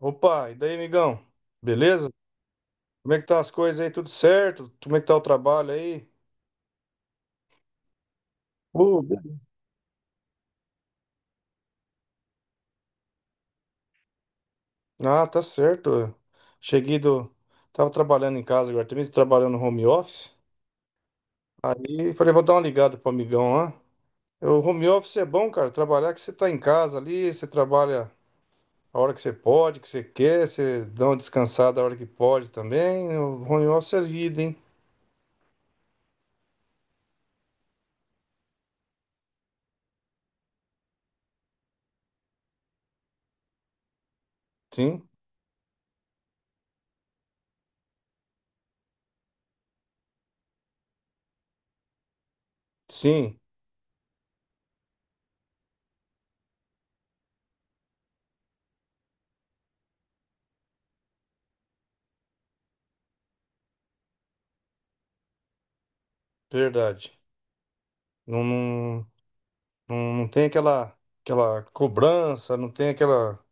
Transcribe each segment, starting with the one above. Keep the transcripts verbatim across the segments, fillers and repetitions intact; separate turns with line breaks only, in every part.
Opa, e daí, amigão? Beleza? Como é que tá as coisas aí? Tudo certo? Como é que tá o trabalho aí? Ô, be- Ah, tá certo. Cheguei do. Tava trabalhando em casa agora também, tô trabalhando no home office. Aí falei, vou dar uma ligada pro amigão lá. O home office é bom, cara. Trabalhar que você tá em casa ali, você trabalha a hora que você pode, que você quer, você dá uma descansada a hora que pode também. O home office é vida, hein? Sim, sim, verdade. Não, não. Não, não tem aquela, aquela cobrança, não tem aquela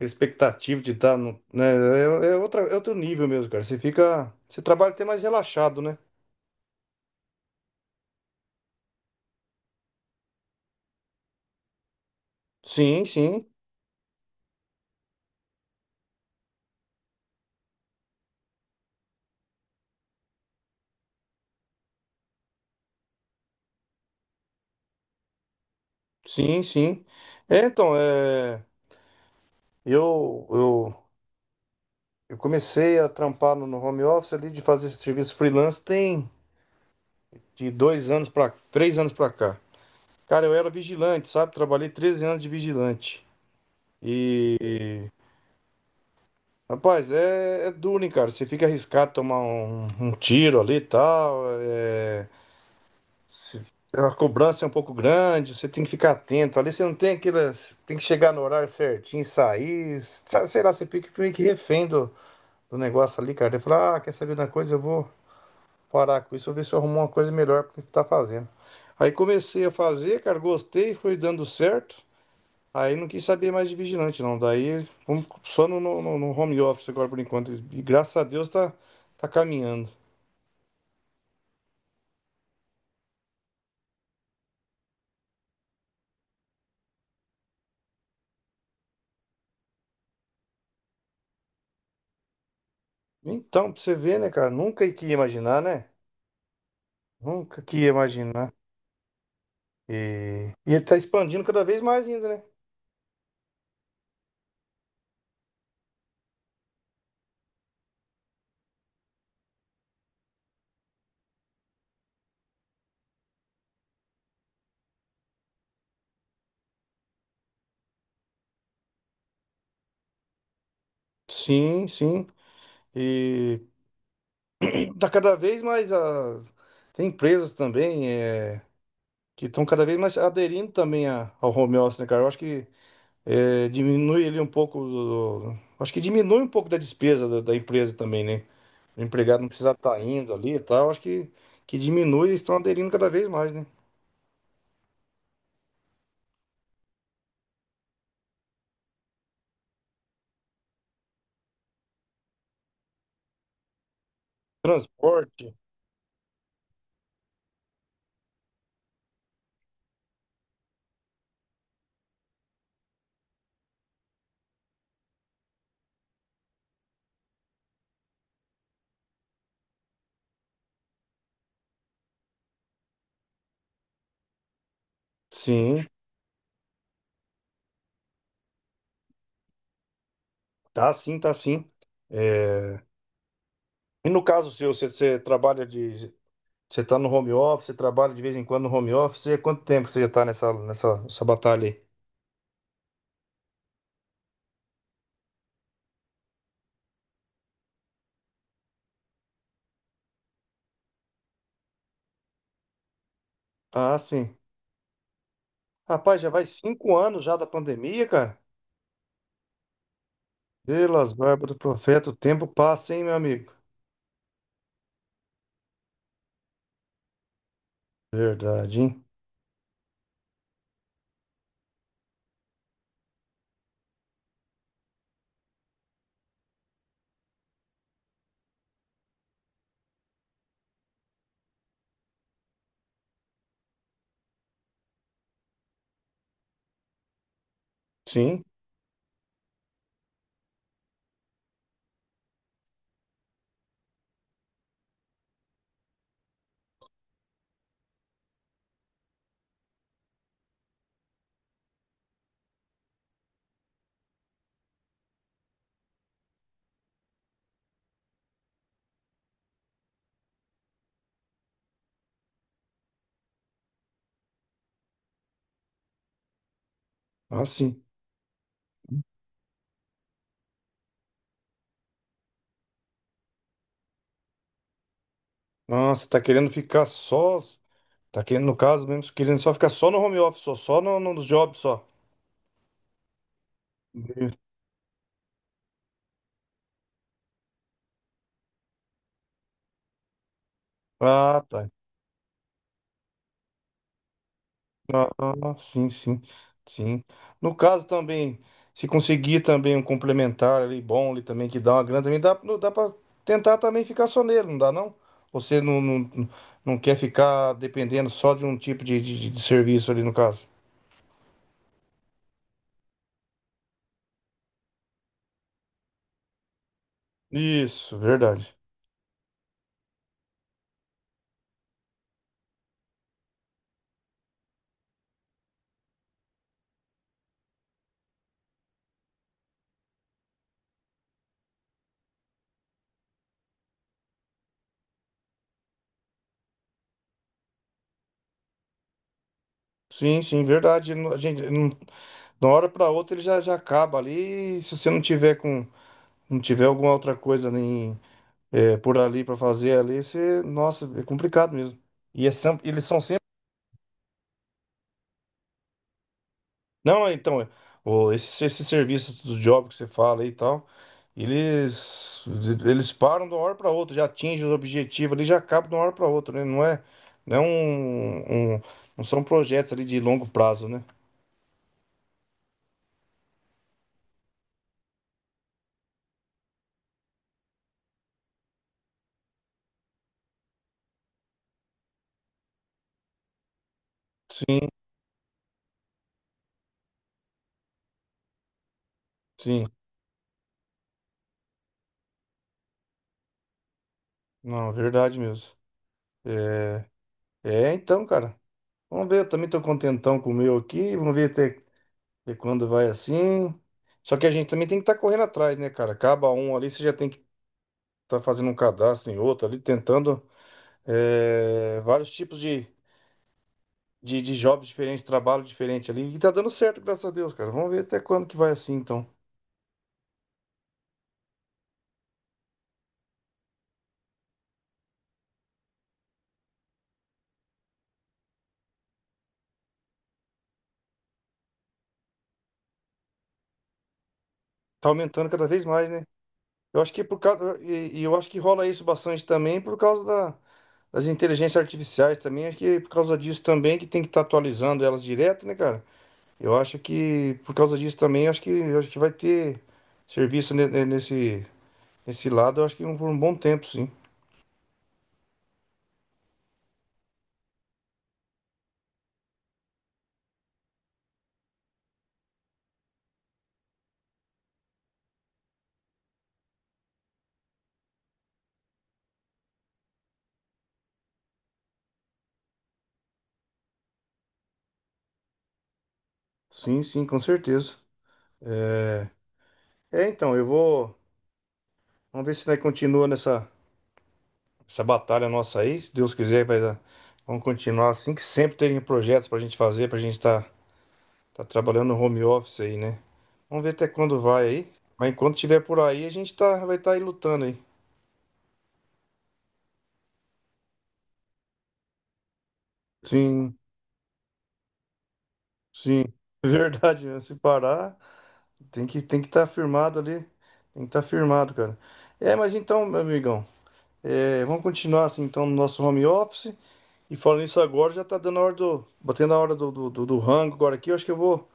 expectativa de estar no, né? É, é outra, é outro nível mesmo, cara. Você fica, você trabalha até mais relaxado, né? Sim, sim, sim, sim. É, então, é, eu, eu, eu comecei a trampar no, no home office ali de fazer esse serviço freelance tem de dois anos para três anos para cá. Cara, eu era vigilante, sabe? Trabalhei treze anos de vigilante. e Rapaz, é, é duro, hein, cara? Você fica arriscado a tomar um, um tiro ali e tal. é, se- a cobrança é um pouco grande, você tem que ficar atento. Ali você não tem aquela. Tem que chegar no horário certinho, sair. Sabe, sei lá, você fica meio que refém do, do negócio ali, cara. Ele fala, ah, quer saber de uma coisa? Eu vou parar com isso, eu vou ver se eu arrumo uma coisa melhor pra estar fazendo. Aí comecei a fazer, cara, gostei, foi dando certo. Aí não quis saber mais de vigilante, não. Daí vamos só no, no- no- no home office agora por enquanto. E graças a Deus tá, tá caminhando. Então, pra você ver, né, cara? Nunca que ia imaginar, né? Nunca que ia imaginar. E, e ele tá expandindo cada vez mais ainda, né? Sim, sim. E tá cada vez mais a... Tem empresas também é, que estão cada vez mais aderindo também a- ao home office, né, cara? Eu acho que é, diminui ele um pouco. do- do- Acho que diminui um pouco da despesa da da empresa também, né? O empregado não precisa estar indo ali e tal. Acho que, que diminui e estão aderindo cada vez mais, né? Transporte. Sim, tá sim, tá sim. É, e no caso seu, você, você trabalha de. Você tá no home office, você trabalha de vez em quando no home office. E há quanto tempo você já tá nessa, nessa, nessa batalha aí? Ah, sim. Rapaz, já vai cinco anos já da pandemia, cara. Pelas barbas do profeta, o tempo passa, hein, meu amigo? Verdade, hein? Sim, ah, sim. Nossa, tá querendo ficar só, Tá querendo, no caso mesmo, querendo só ficar só no home office, só, só no, no job só. Entendi. Ah, tá. Ah, ah, sim, sim, sim. No caso também, se conseguir também um complementar ali, bom ali também, que dá uma grana também, dá, não dá pra tentar também ficar só nele, não dá não? Você não, não, não quer ficar dependendo só de um tipo de, de, de serviço ali no caso. Isso, verdade. Sim, sim, verdade. Não- A gente, não- de uma hora pra outra ele já, já acaba ali, e se você não tiver com não tiver alguma outra coisa nem é, por ali para fazer ali, você, nossa, é complicado mesmo. E é sem- eles são sempre. Não, é, então, é, o, esse, esse serviço do job que você fala aí e tal, eles eles param de uma hora para outra, já atingem os objetivos ali, já acabam de uma hora para outra, né? Não é, não é um, um- não são projetos ali de longo prazo, né? Sim, não, é verdade mesmo. É, então, cara, vamos ver, eu também tô contentão com o meu aqui, vamos ver até E quando vai assim. Só que a gente também tem que estar correndo atrás, né, cara? Acaba um ali, você já tem que estar fazendo um cadastro em outro ali, tentando eh, vários tipos de, de, de jobs diferentes, trabalho diferente ali. E tá dando certo, graças a Deus, cara. Vamos ver até quando que vai assim, então. Tá aumentando cada vez mais, né? Eu acho que por causa. E, e eu acho que rola isso bastante também por causa da- das inteligências artificiais também. Acho que é por causa disso também, que tem que estar atualizando elas direto, né, cara? Eu acho que por causa disso também, acho que, eu acho que vai ter serviço ne- ne- nesse, nesse lado, eu acho que um- por um bom tempo, sim. Sim, sim, com certeza. É, então, eu vou. Vamos ver se nós continua nessa essa batalha nossa aí. Se Deus quiser, vai dar. Vamos continuar assim, que sempre tem projetos pra gente fazer, pra gente estar tá, tá trabalhando no home office aí, né? Vamos ver até quando vai aí. Mas enquanto tiver por aí, a gente tá, vai estar tá aí lutando aí. Sim, sim. Verdade, né? Se parar. Tem que tem que estar firmado ali. Tem que estar firmado, cara. É, mas então, meu amigão, é, vamos continuar assim, então, no nosso home office. E falando isso agora, já tá dando a hora do. Batendo a hora do, do, do, do rango agora aqui. Eu acho que eu vou,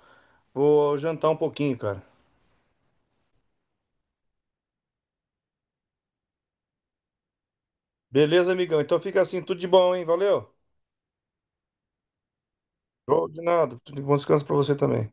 vou jantar um pouquinho, cara. Beleza, amigão? Então fica assim, tudo de bom, hein? Valeu. Show de nada. Tudo de bom descanso pra você também.